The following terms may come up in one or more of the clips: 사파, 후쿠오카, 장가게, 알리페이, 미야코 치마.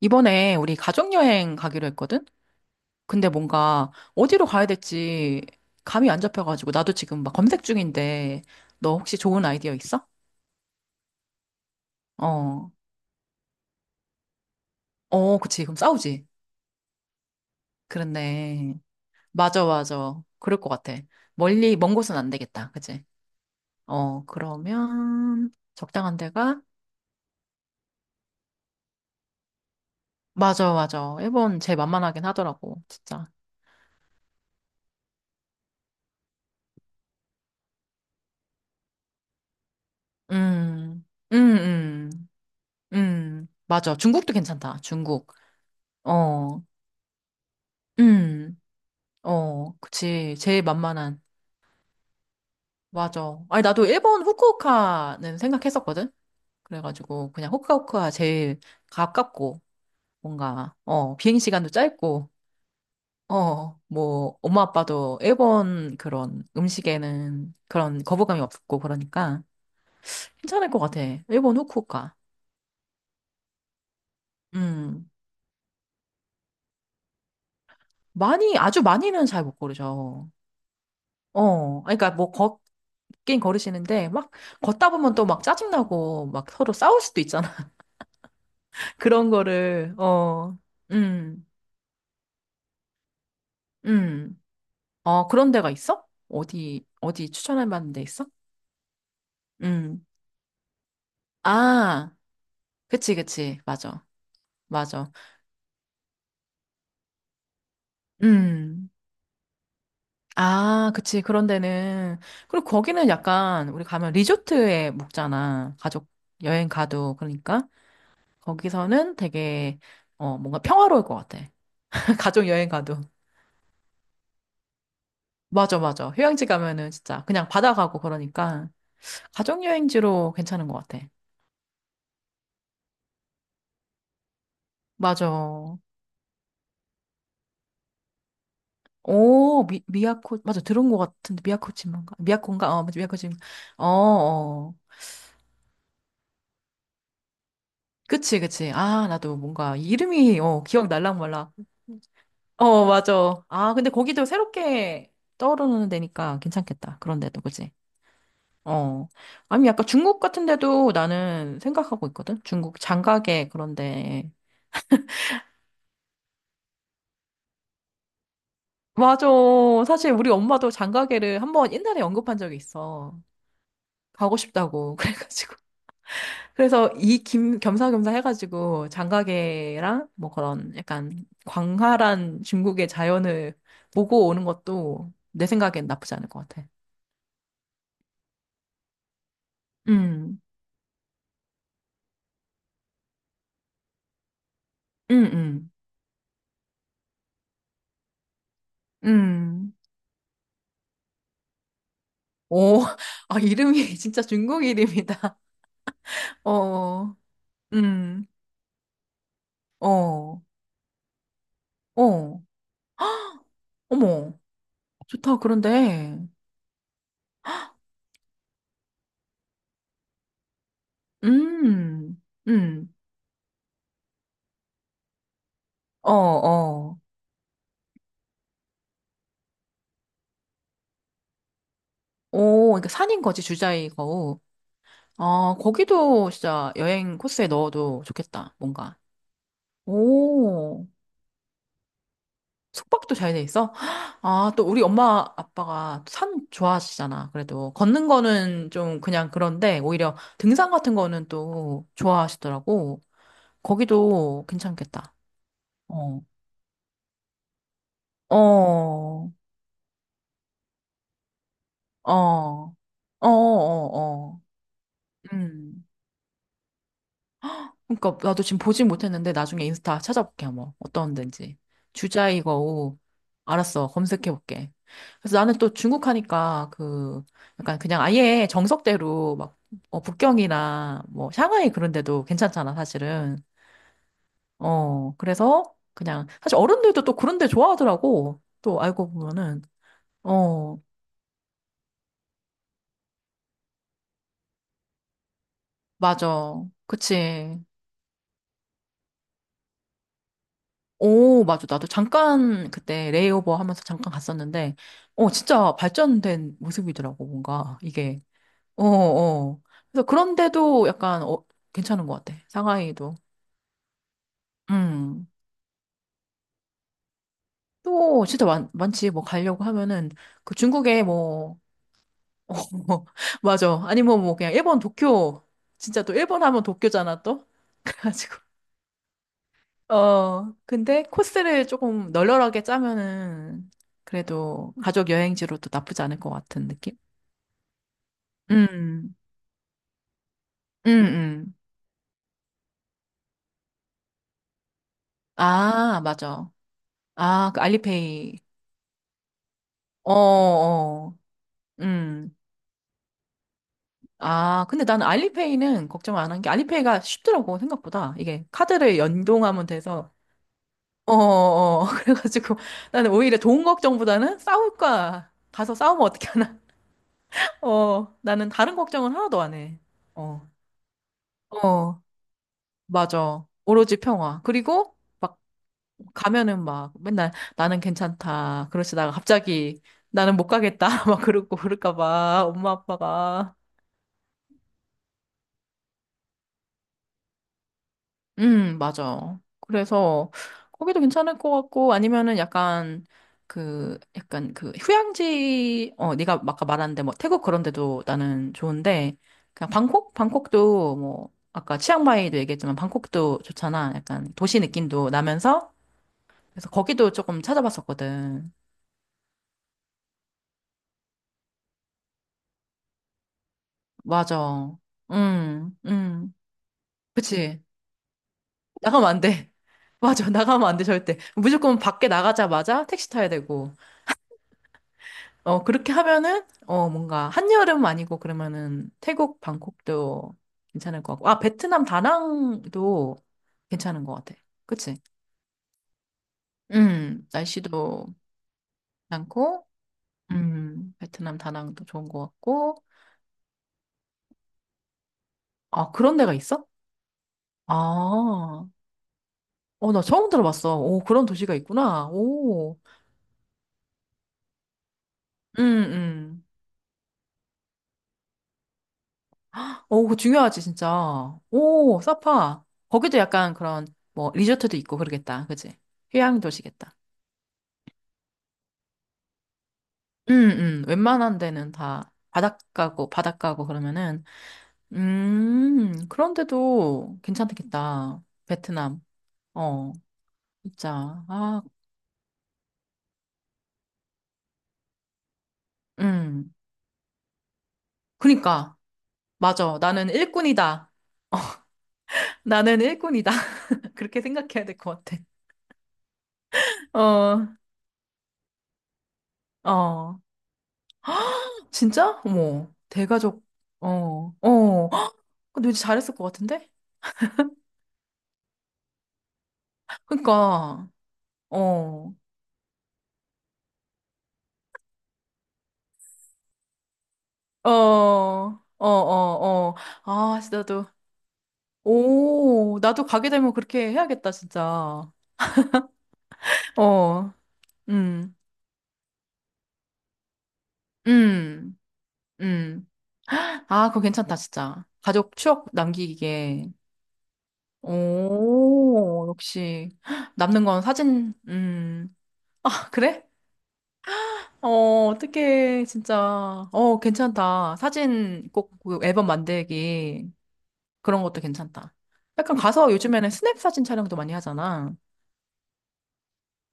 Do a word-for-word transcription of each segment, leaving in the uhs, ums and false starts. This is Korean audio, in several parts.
이번에 우리 가족여행 가기로 했거든? 근데 뭔가 어디로 가야 될지 감이 안 잡혀가지고 나도 지금 막 검색 중인데, 너 혹시 좋은 아이디어 있어? 어, 어, 그치. 그럼 싸우지. 그렇네. 맞아, 맞아. 그럴 것 같아. 멀리, 먼 곳은 안 되겠다. 그치? 어, 그러면 적당한 데가? 맞아, 맞아. 일본 제일 만만하긴 하더라고. 진짜. 음, 음, 음, 음. 맞아. 중국도 괜찮다. 중국. 어, 음. 어, 그치. 제일 만만한. 맞아. 아니, 나도 일본 후쿠오카는 생각했었거든? 그래가지고, 그냥 후쿠오카 제일 가깝고, 뭔가, 어, 비행시간도 짧고, 어, 뭐, 엄마 아빠도 일본 그런 음식에는 그런 거부감이 없고, 그러니까, 괜찮을 것 같아. 일본 후쿠오카. 음. 많이, 아주 많이는 잘 못 고르죠. 어, 그러니까 뭐, 걷긴 걸으시는데, 막, 걷다 보면 또 막 짜증나고, 막 서로 싸울 수도 있잖아. 그런 거를, 어, 음, 음. 어, 그런 데가 있어? 어디, 어디 추천할 만한 데 있어? 음. 아, 그치, 그치. 맞아. 맞아. 음. 아, 그치. 그런 데는. 그리고 거기는 약간, 우리 가면 리조트에 묵잖아. 가족 여행 가도. 그러니까. 거기서는 되게, 어, 뭔가 평화로울 것 같아. 가족 여행 가도. 맞아, 맞아. 휴양지 가면은 진짜 그냥 바다 가고 그러니까. 가족 여행지로 괜찮은 것 같아. 맞아. 오, 미, 미야코, 맞아. 들은 것 같은데, 미야코 치마인가? 미야코인가? 어, 맞아. 미야코 치마. 어, 어. 그치, 그치. 아, 나도 뭔가 이름이, 어, 기억 날랑말랑. 어, 맞아. 아, 근데 거기도 새롭게 떠오르는 데니까 괜찮겠다. 그런데도, 그치? 어. 아니, 약간 중국 같은 데도 나는 생각하고 있거든? 중국 장가게, 그런데. 맞아. 사실 우리 엄마도 장가게를 한번 옛날에 언급한 적이 있어. 가고 싶다고. 그래가지고. 그래서 이 김, 겸사겸사 해가지고 장가계랑 뭐 그런 약간 광활한 중국의 자연을 보고 오는 것도 내 생각엔 나쁘지 않을 것 같아. 음, 음, 음, 음. 오, 아, 이름이 진짜 중국 이름이다. 어, 음, 어, 어, 어머, 좋다, 그런데. 음, 음, 어, 어. 오, 그러니까 산인 거지, 주자이고. 아, 거기도 진짜 여행 코스에 넣어도 좋겠다, 뭔가. 오, 숙박도 잘 돼 있어? 아, 또 우리 엄마 아빠가 산 좋아하시잖아, 그래도. 걷는 거는 좀 그냥 그런데, 오히려 등산 같은 거는 또 좋아하시더라고. 거기도 괜찮겠다. 어, 어, 어, 어, 어, 어. 음. 그러니까 나도 지금 보진 못했는데 나중에 인스타 찾아볼게, 한번 어떤 데인지. 주자이거우. 알았어, 검색해볼게. 그래서 나는 또 중국 하니까, 그 약간 그냥 아예 정석대로 막 어, 북경이나 뭐 샹하이 그런 데도 괜찮잖아, 사실은. 어 그래서 그냥 사실 어른들도 또 그런 데 좋아하더라고, 또 알고 보면은. 어, 맞아. 그치. 오, 맞아. 나도 잠깐 그때 레이오버 하면서 잠깐 갔었는데, 어, 진짜 발전된 모습이더라고, 뭔가. 이게. 어, 어. 그래서 그런데도 약간, 어, 괜찮은 것 같아. 상하이도. 음. 또, 진짜 많, 많지. 뭐, 가려고 하면은, 그 중국에 뭐, 어, 뭐, 맞아. 아니면 뭐, 뭐 그냥 일본 도쿄. 진짜 또 일본 하면 도쿄잖아, 또? 그래가지고. 어, 근데 코스를 조금 널널하게 짜면은 그래도 가족 여행지로도 나쁘지 않을 것 같은 느낌? 음, 음, 음. 아, 맞아. 아, 그 알리페이. 어, 어, 음. 아, 근데 나는 알리페이는 걱정 안 한 게 알리페이가 쉽더라고, 생각보다. 이게 카드를 연동하면 돼서. 어, 어, 어. 그래가지고 나는 오히려 돈 걱정보다는 싸울까. 가서 싸우면 어떻게 하나. 어, 나는 다른 걱정은 하나도 안 해. 어. 어. 맞아. 오로지 평화. 그리고 막 가면은 막 맨날 나는 괜찮다. 그러시다가 갑자기 나는 못 가겠다. 막 그러고 그럴까 봐. 엄마 아빠가. 음, 맞아. 그래서 거기도 괜찮을 것 같고, 아니면은 약간 그 약간 그 휴양지, 어, 네가 아까 말한데 뭐 태국 그런 데도 나는 좋은데, 그냥 방콕? 방콕도 뭐 아까 치앙마이도 얘기했지만 방콕도 좋잖아. 약간 도시 느낌도 나면서. 그래서 거기도 조금 찾아봤었거든. 맞아. 응, 응. 그치. 나가면 안 돼. 맞아. 나가면 안 돼, 절대. 무조건 밖에 나가자마자 택시 타야 되고. 어, 그렇게 하면은, 어, 뭔가, 한여름 아니고 그러면은 태국, 방콕도 괜찮을 것 같고. 아, 베트남 다낭도 괜찮은 것 같아. 그치? 음, 날씨도 괜찮고, 음, 베트남 다낭도 좋은 것 같고. 아, 그런 데가 있어? 아, 어, 나 처음 들어봤어. 오, 그런 도시가 있구나. 오, 음, 음. 오, 그거 중요하지, 진짜. 오, 사파. 거기도 약간 그런, 뭐, 리조트도 있고 그러겠다. 그지? 휴양 도시겠다. 음, 음. 웬만한 데는 다 바닷가고, 바닷가고 그러면은, 음, 그런데도 괜찮겠다. 베트남. 어, 진짜. 아, 음. 그니까. 맞아. 나는 일꾼이다. 나는 일꾼이다. 그렇게 생각해야 될 것 같아. 어, 어. 진짜? 어머, 대가족. 어, 어. 헉, 근데 왠지 잘했을 것 같은데? 그니까, 어, 어, 어, 어, 어. 아, 진짜 나도, 오, 나도 가게 되면 그렇게 해야겠다, 진짜. 어, 음, 음, 음. 아, 그거 괜찮다, 진짜. 가족 추억 남기기에. 오, 역시. 남는 건 사진. 음. 아, 그래? 어, 어떻게, 진짜. 어, 괜찮다. 사진 꼭그 앨범 만들기. 그런 것도 괜찮다. 약간 가서 요즘에는 스냅 사진 촬영도 많이 하잖아.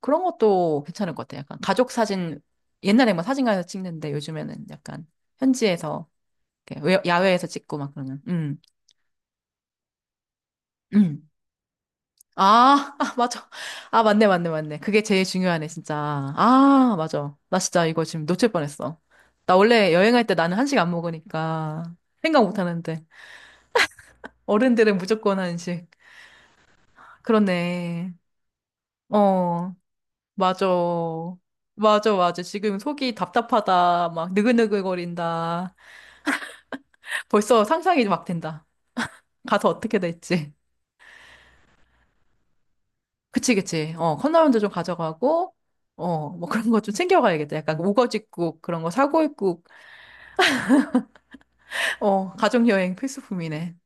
그런 것도 괜찮을 것 같아. 약간 가족 사진, 옛날에 뭐 사진관에서 찍는데 요즘에는 약간 현지에서, 이렇게 외- 야외에서 찍고 막 그러면. 음, 음. 아, 아, 맞아. 아, 맞네, 맞네, 맞네. 그게 제일 중요하네, 진짜. 아, 맞아. 나 진짜 이거 지금 놓칠 뻔했어. 나 원래 여행할 때 나는 한식 안 먹으니까 생각 못 하는데. 어른들은 무조건 한식. 그렇네. 어, 맞아. 맞아, 맞아. 지금 속이 답답하다. 막 느글느글거린다. 벌써 상상이 막 된다. 가서 어떻게 될지. 그치, 그치. 어, 컵라면도 좀 가져가고, 어, 뭐 그런 거 좀 챙겨가야겠다. 약간 우거지국 그런 거 사골국. 어, 가족여행 필수품이네.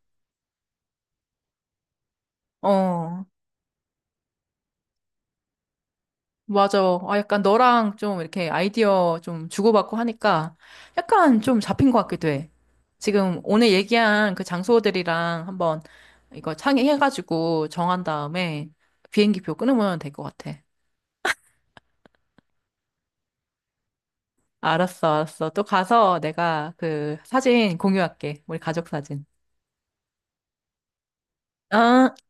어. 맞아. 아, 약간 너랑 좀 이렇게 아이디어 좀 주고받고 하니까 약간 좀 잡힌 것 같기도 해. 지금 오늘 얘기한 그 장소들이랑 한번 이거 창의해가지고 정한 다음에 비행기표 끊으면 될 것 같아. 알았어, 알았어. 또 가서 내가 그 사진 공유할게. 우리 가족 사진. 아.